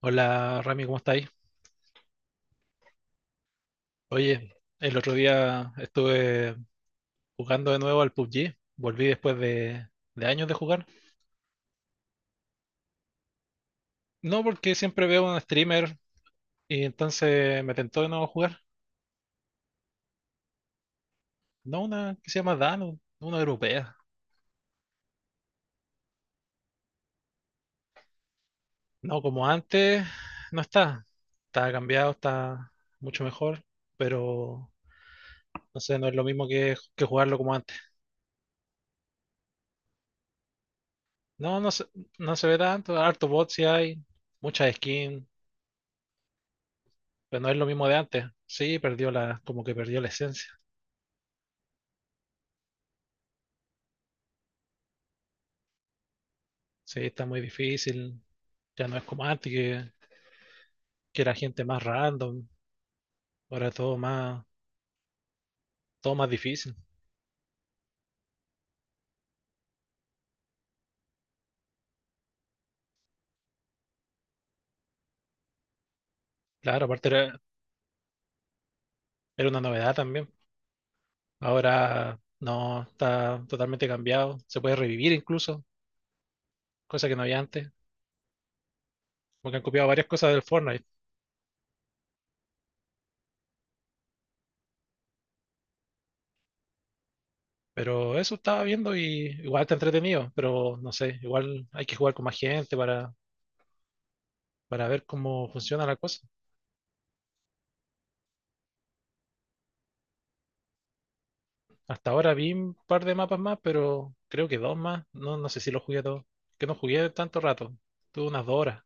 Hola Rami, ¿cómo estáis? Oye, el otro día estuve jugando de nuevo al PUBG. Volví después de años de jugar. No porque siempre veo un streamer y entonces me tentó de nuevo jugar. No una que se llama Dan, una europea. No, como antes, no está. Está cambiado, está mucho mejor, pero no sé, no es lo mismo que jugarlo como antes. No, no se ve tanto. Harto bots sí hay, muchas skins. Pero no es lo mismo de antes. Sí, como que perdió la esencia. Sí, está muy difícil. Ya no es como antes, que era gente más random. Ahora todo más difícil. Claro, aparte era una novedad también. Ahora no, está totalmente cambiado. Se puede revivir incluso, cosa que no había antes. Porque han copiado varias cosas del Fortnite. Pero eso estaba viendo y igual está entretenido. Pero no sé, igual hay que jugar con más gente para ver cómo funciona la cosa. Hasta ahora vi un par de mapas más, pero creo que dos más. No, no sé si los jugué todos. Que no jugué tanto rato. Tuve unas 2 horas.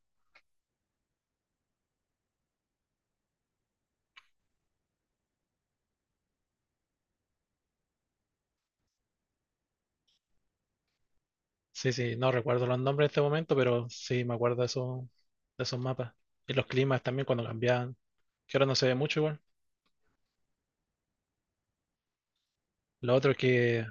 Sí, sí, no recuerdo los nombres en este momento, pero sí me acuerdo de esos mapas. Y los climas también cuando cambiaban, que ahora no se ve mucho igual. Lo otro que,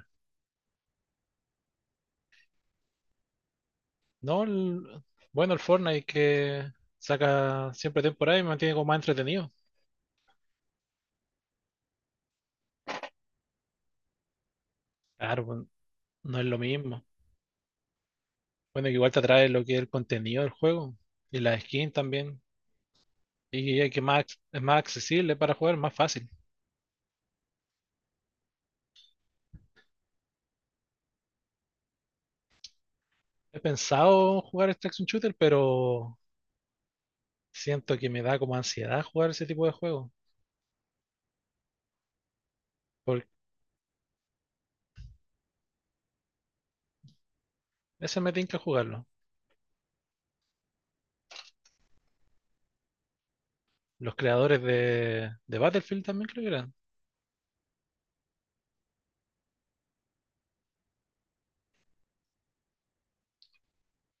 no, bueno, el Fortnite que saca siempre temporada y me mantiene como más entretenido. Claro, pues, no es lo mismo. Bueno, que igual te atrae lo que es el contenido del juego y las skins también. Y es que más, es más accesible para jugar, más fácil. He pensado jugar este Extraction Shooter, pero siento que me da como ansiedad jugar ese tipo de juegos. Porque ese me tinca jugarlo. Los creadores de Battlefield también creo que eran.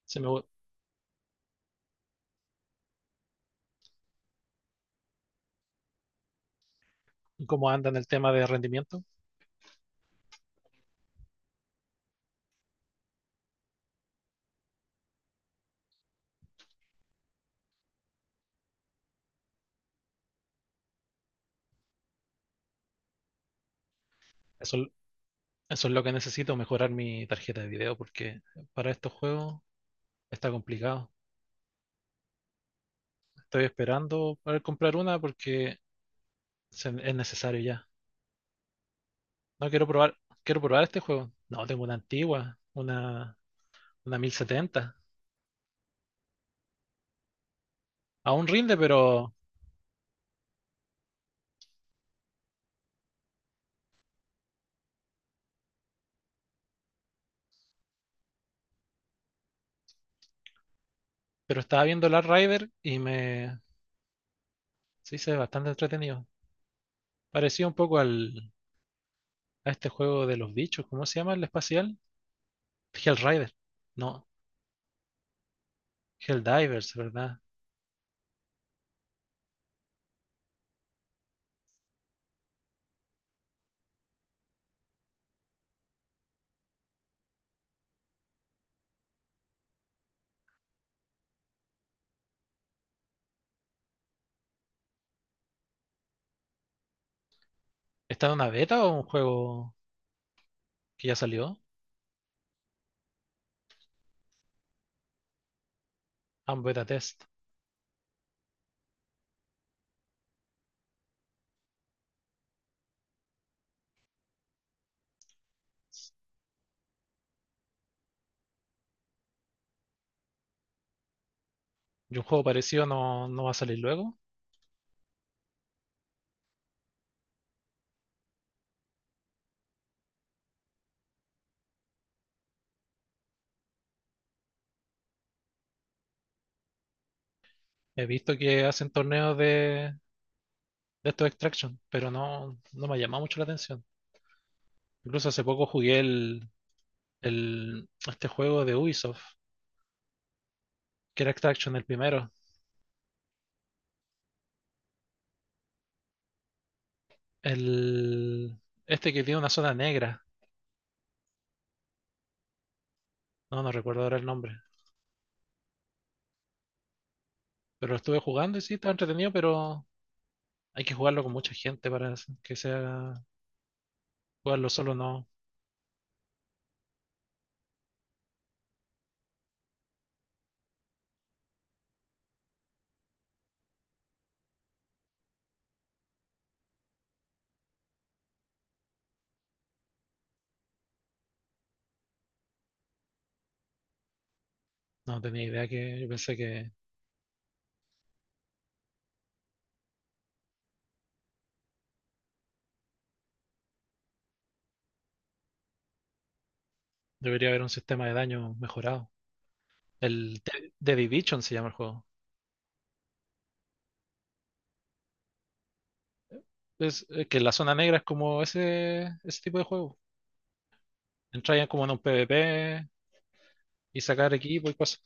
Se me, gu- ¿Cómo andan el tema de rendimiento? Eso, eso es lo que necesito, mejorar mi tarjeta de video, porque para estos juegos está complicado. Estoy esperando poder comprar una porque es necesario ya. No quiero probar, quiero probar este juego. No, tengo una antigua, una 70. Aún rinde, pero estaba viendo Last Rider y me se hizo bastante entretenido. Parecía un poco a este juego de los bichos, ¿cómo se llama el espacial? Hellrider. No, Helldivers, ¿verdad? ¿Está en una beta o un juego que ya salió? Ah, un beta test. Y un juego parecido no, no va a salir luego. He visto que hacen torneos de estos Extraction, pero no, no me ha llamado mucho la atención. Incluso hace poco jugué este juego de Ubisoft, que era Extraction el primero. El, este que tiene una zona negra. No, no recuerdo ahora el nombre. Pero lo estuve jugando y sí, estaba entretenido, pero hay que jugarlo con mucha gente para que sea. Jugarlo solo no, no tenía idea que. Yo pensé que debería haber un sistema de daño mejorado. El The Division se llama el juego. Es que la zona negra es como ese tipo de juego. Entrar ya como en un PvP y sacar equipo y cosas.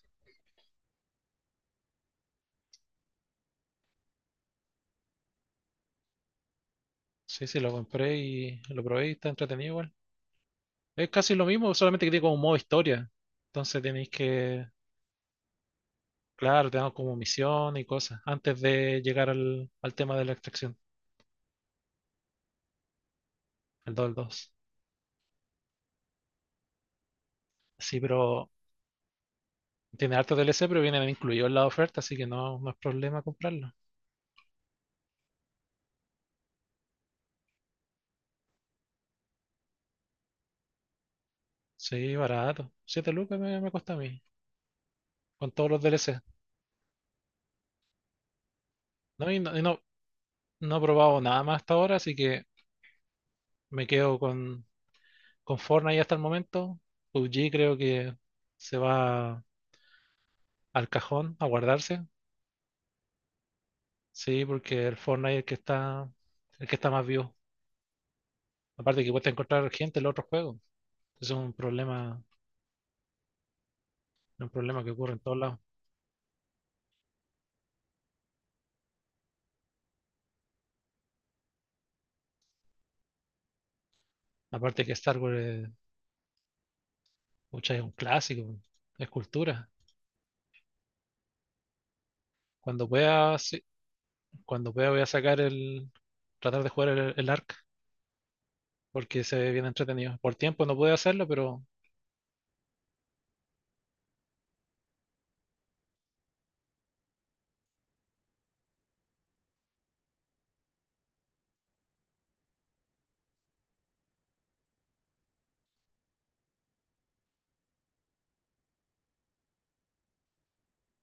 Sí, sí, lo compré y lo probé y está entretenido igual. Es casi lo mismo, solamente que tiene como un modo historia. Entonces tenéis que. Claro, te dan como misión y cosas antes de llegar al tema de la extracción, el 2 al 2. Sí, pero tiene harto DLC, pero vienen incluidos en la oferta, así que no, no es problema comprarlo. Sí, barato. 7 lucas me cuesta a mí, con todos los DLC. No, no he probado nada más hasta ahora, así que me quedo con Fortnite hasta el momento. PUBG creo que se va al cajón a guardarse. Sí, porque el Fortnite es el que está más vivo. Aparte que cuesta encontrar gente en los otros juegos. Es un problema que ocurre en todos lados. Aparte que Star Wars pucha, es un clásico, es cultura. Cuando pueda, sí, cuando pueda voy a tratar de jugar el Ark, porque se ve bien entretenido. Por tiempo no puedo hacerlo, pero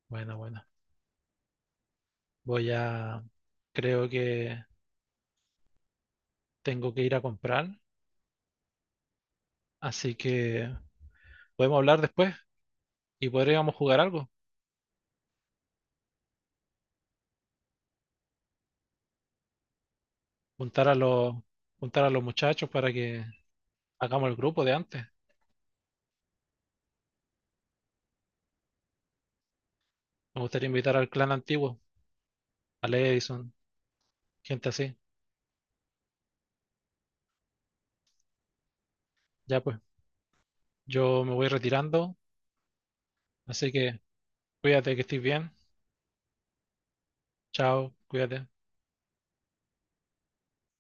bueno, bueno. Voy a, Creo que tengo que ir a comprar, así que podemos hablar después y podríamos jugar algo. Juntar a los, juntar a los muchachos para que hagamos el grupo de antes. Me gustaría invitar al clan antiguo, a Edison, gente así. Ya pues. Yo me voy retirando, así que cuídate que estés bien. Chao, cuídate.